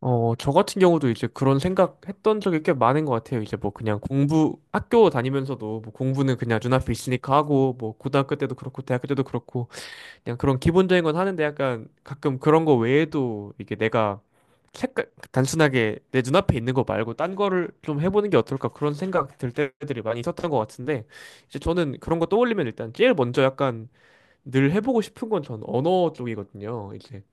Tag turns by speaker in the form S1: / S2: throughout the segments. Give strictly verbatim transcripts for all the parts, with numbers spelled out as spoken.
S1: 어, 저 같은 경우도 이제 그런 생각했던 적이 꽤 많은 것 같아요. 이제 뭐 그냥 공부, 학교 다니면서도 뭐 공부는 그냥 눈앞에 있으니까 하고, 뭐 고등학교 때도 그렇고, 대학교 때도 그렇고, 그냥 그런 기본적인 건 하는데 약간 가끔 그런 거 외에도 이게 내가 색깔, 단순하게 내 눈앞에 있는 거 말고 딴 거를 좀 해보는 게 어떨까 그런 생각 들 때들이 많이 있었던 것 같은데, 이제 저는 그런 거 떠올리면 일단 제일 먼저 약간 늘 해보고 싶은 건 전 언어 쪽이거든요. 이제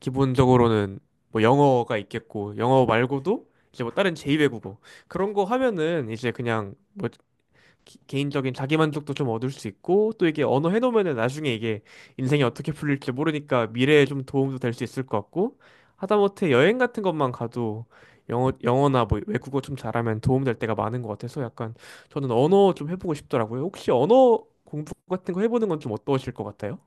S1: 기본적으로는 뭐 영어가 있겠고 영어 말고도 이제 뭐 다른 제이 외국어 그런 거 하면은 이제 그냥 뭐 기- 개인적인 자기만족도 좀 얻을 수 있고 또 이게 언어 해놓으면은 나중에 이게 인생이 어떻게 풀릴지 모르니까 미래에 좀 도움도 될 수 있을 것 같고 하다못해 여행 같은 것만 가도 영어 영어나 뭐 외국어 좀 잘하면 도움 될 때가 많은 것 같아서 약간 저는 언어 좀 해보고 싶더라고요. 혹시 언어 공부 같은 거 해보는 건 좀 어떠실 것 같아요?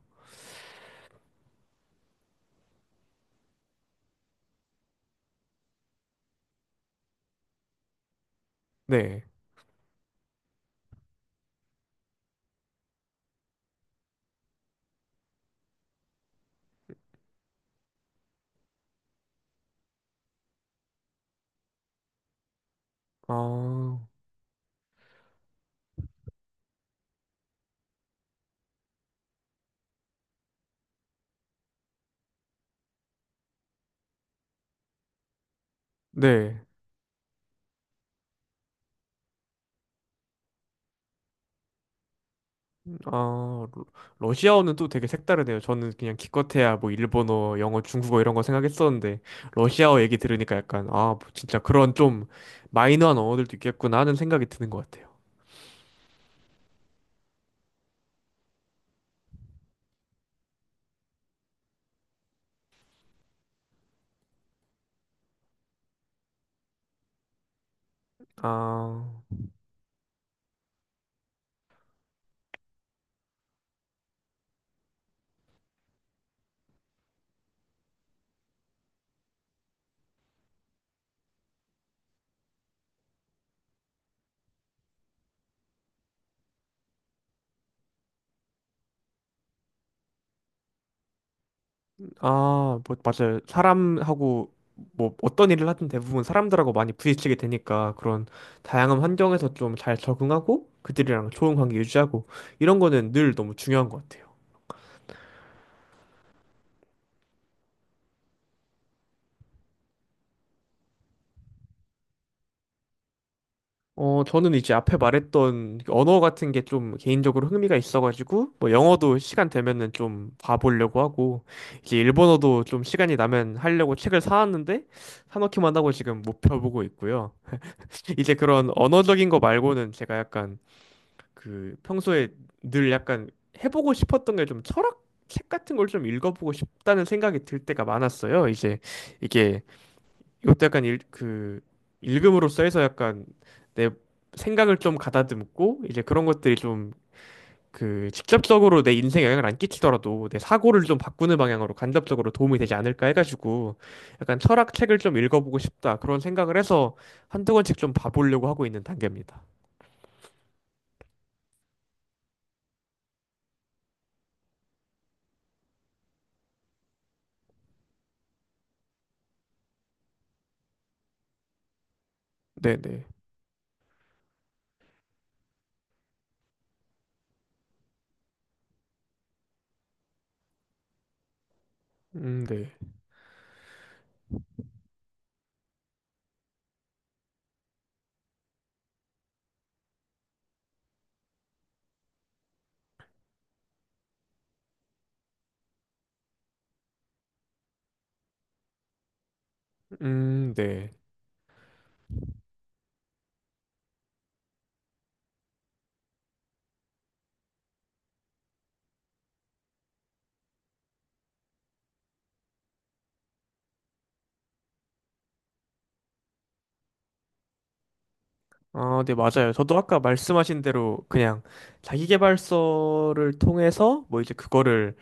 S1: 네. 아, 네. 아, 러- 러시아어는 또 되게 색다르네요. 저는 그냥 기껏해야 뭐 일본어, 영어, 중국어 이런 거 생각했었는데 러시아어 얘기 들으니까 약간 아, 뭐 진짜 그런 좀 마이너한 언어들도 있겠구나 하는 생각이 드는 것 같아요. 아, 아, 뭐 맞아요. 사람하고 뭐 어떤 일을 하든 대부분 사람들하고 많이 부딪히게 되니까 그런 다양한 환경에서 좀 잘 적응하고 그들이랑 좋은 관계 유지하고 이런 거는 늘 너무 중요한 것 같아요. 어, 저는 이제 앞에 말했던 언어 같은 게 좀 개인적으로 흥미가 있어가지고, 뭐 영어도 시간 되면은 좀 봐보려고 하고, 이제 일본어도 좀 시간이 나면 하려고 책을 사왔는데, 사놓기만 하고 지금 못 펴보고 있고요. 이제 그런 언어적인 거 말고는 제가 약간 그 평소에 늘 약간 해보고 싶었던 게 좀 철학? 책 같은 걸 좀 읽어보고 싶다는 생각이 들 때가 많았어요. 이제 이게 이것도 약간 일, 그 읽음으로써 해서 약간 내 생각을 좀 가다듬고 이제 그런 것들이 좀 그 직접적으로 내 인생에 영향을 안 끼치더라도 내 사고를 좀 바꾸는 방향으로 간접적으로 도움이 되지 않을까 해가지고 약간 철학 책을 좀 읽어보고 싶다 그런 생각을 해서 한두 권씩 좀 봐보려고 하고 있는 단계입니다. 네네. 음, 네. 음, 네. 아, 네, 맞아요. 저도 아까 말씀하신 대로 그냥 자기계발서를 통해서 뭐 이제 그거를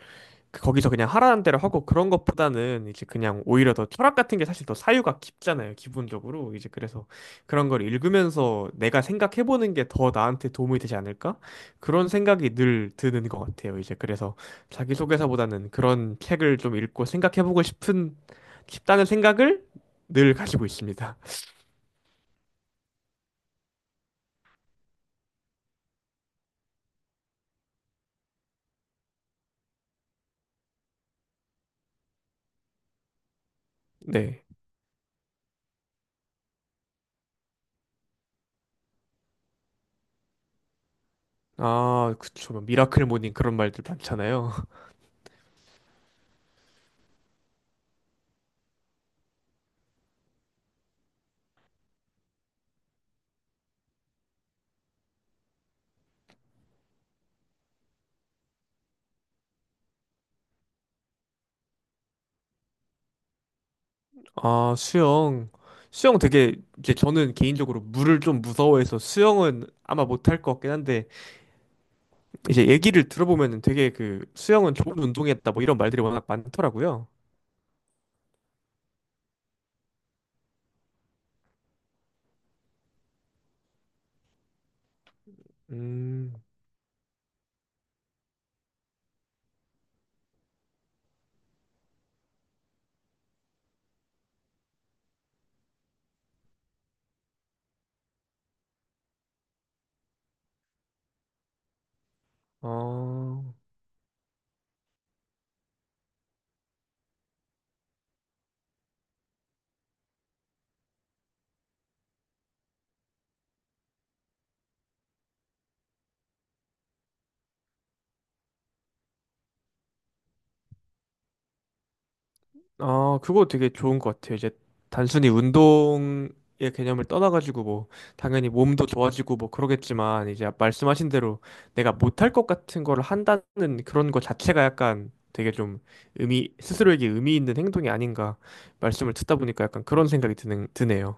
S1: 그- 거기서 그냥 하라는 대로 하고 그런 것보다는 이제 그냥 오히려 더 철학 같은 게 사실 더 사유가 깊잖아요. 기본적으로. 이제 그래서 그런 걸 읽으면서 내가 생각해보는 게 더 나한테 도움이 되지 않을까? 그런 생각이 늘 드는 것 같아요. 이제 그래서 자기소개서보다는 그런 책을 좀 읽고 생각해보고 싶은, 싶다는 생각을 늘 가지고 있습니다. 네. 아, 그쵸. 뭐 미라클 모닝 그런 말들 많잖아요. 아, 수영. 수영 되게 이제 저는 개인적으로 물을 좀 무서워해서 수영은 아마 못할 것 같긴 한데 이제 얘기를 들어보면 되게 그 수영은 좋은 운동이었다 뭐 이런 말들이 워낙 많더라고요. 음, 어. 아, 그거 되게 좋은 것 같아요. 이제 단순히 운동의 개념을 떠나가지고 뭐 당연히 몸도 좋아지고 뭐 그러겠지만 이제 말씀하신 대로 내가 못할 것 같은 걸 한다는 그런 것 자체가 약간 되게 좀 의미, 스스로에게 의미 있는 행동이 아닌가 말씀을 듣다 보니까 약간 그런 생각이 드는, 드네요.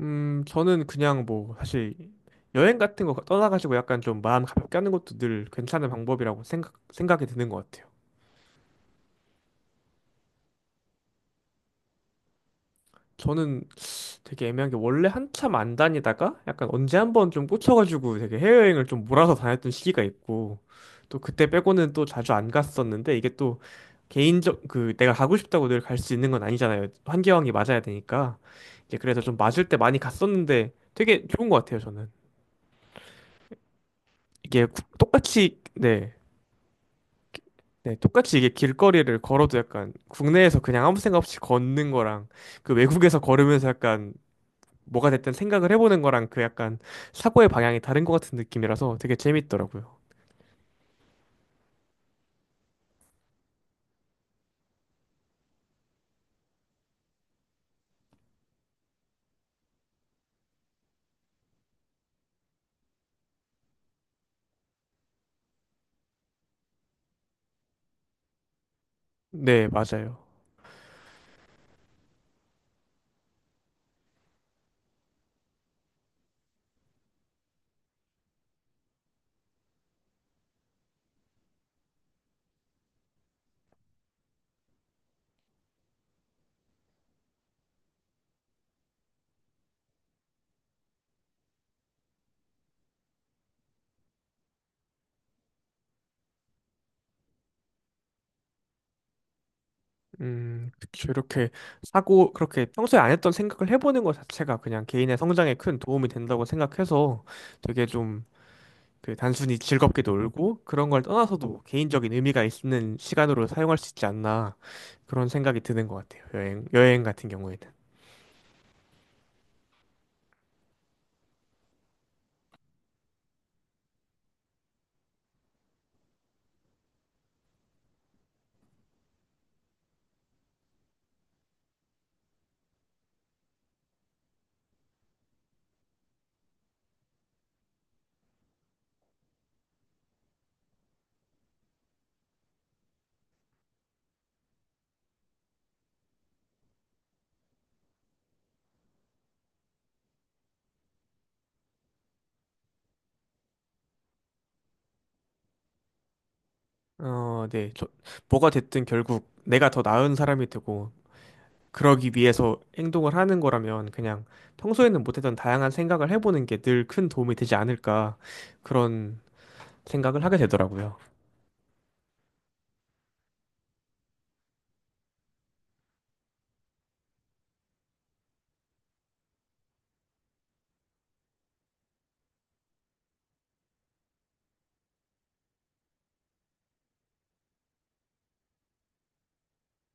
S1: 음, 저는 그냥 뭐 사실 여행 같은 거 떠나가지고 약간 좀 마음 가볍게 하는 것도 늘 괜찮은 방법이라고 생각, 생각이 드는 것 같아요. 저는 되게 애매한 게 원래 한참 안 다니다가 약간 언제 한번 좀 꽂혀가지고 되게 해외여행을 좀 몰아서 다녔던 시기가 있고 또 그때 빼고는 또 자주 안 갔었는데 이게 또 개인적 그 내가 가고 싶다고 늘 갈 수 있는 건 아니잖아요. 환경이 맞아야 되니까 이제 그래서 좀 맞을 때 많이 갔었는데 되게 좋은 것 같아요 저는 이게 구- 똑같이 네. 네, 똑같이 이게 길거리를 걸어도 약간 국내에서 그냥 아무 생각 없이 걷는 거랑 그 외국에서 걸으면서 약간 뭐가 됐든 생각을 해보는 거랑 그 약간 사고의 방향이 다른 것 같은 느낌이라서 되게 재밌더라고요. 네, 맞아요. 음, 그쵸. 이렇게 사고, 그렇게 평소에 안 했던 생각을 해보는 것 자체가 그냥 개인의 성장에 큰 도움이 된다고 생각해서 되게 좀 그 단순히 즐겁게 놀고 그런 걸 떠나서도 개인적인 의미가 있는 시간으로 사용할 수 있지 않나 그런 생각이 드는 것 같아요. 여행, 여행 같은 경우에는. 어, 네. 저, 뭐가 됐든 결국 내가 더 나은 사람이 되고 그러기 위해서 행동을 하는 거라면 그냥 평소에는 못했던 다양한 생각을 해보는 게 늘 큰 도움이 되지 않을까 그런 생각을 하게 되더라고요.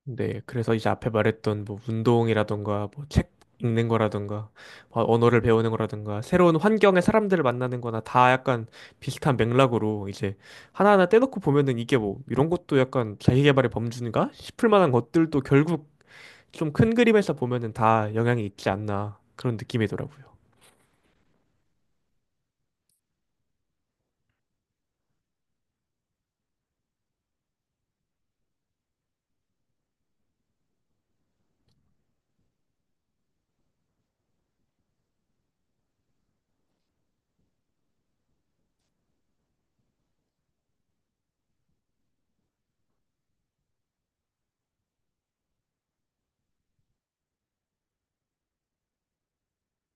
S1: 네, 그래서 이제 앞에 말했던 뭐 운동이라던가 뭐 책 읽는 거라던가 뭐 언어를 배우는 거라던가 새로운 환경의 사람들을 만나는 거나 다 약간 비슷한 맥락으로 이제 하나하나 떼놓고 보면은 이게 뭐 이런 것도 약간 자기계발의 범주인가 싶을 만한 것들도 결국 좀 큰 그림에서 보면은 다 영향이 있지 않나 그런 느낌이더라고요.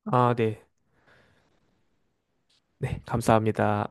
S1: 아, 네. 네, 감사합니다.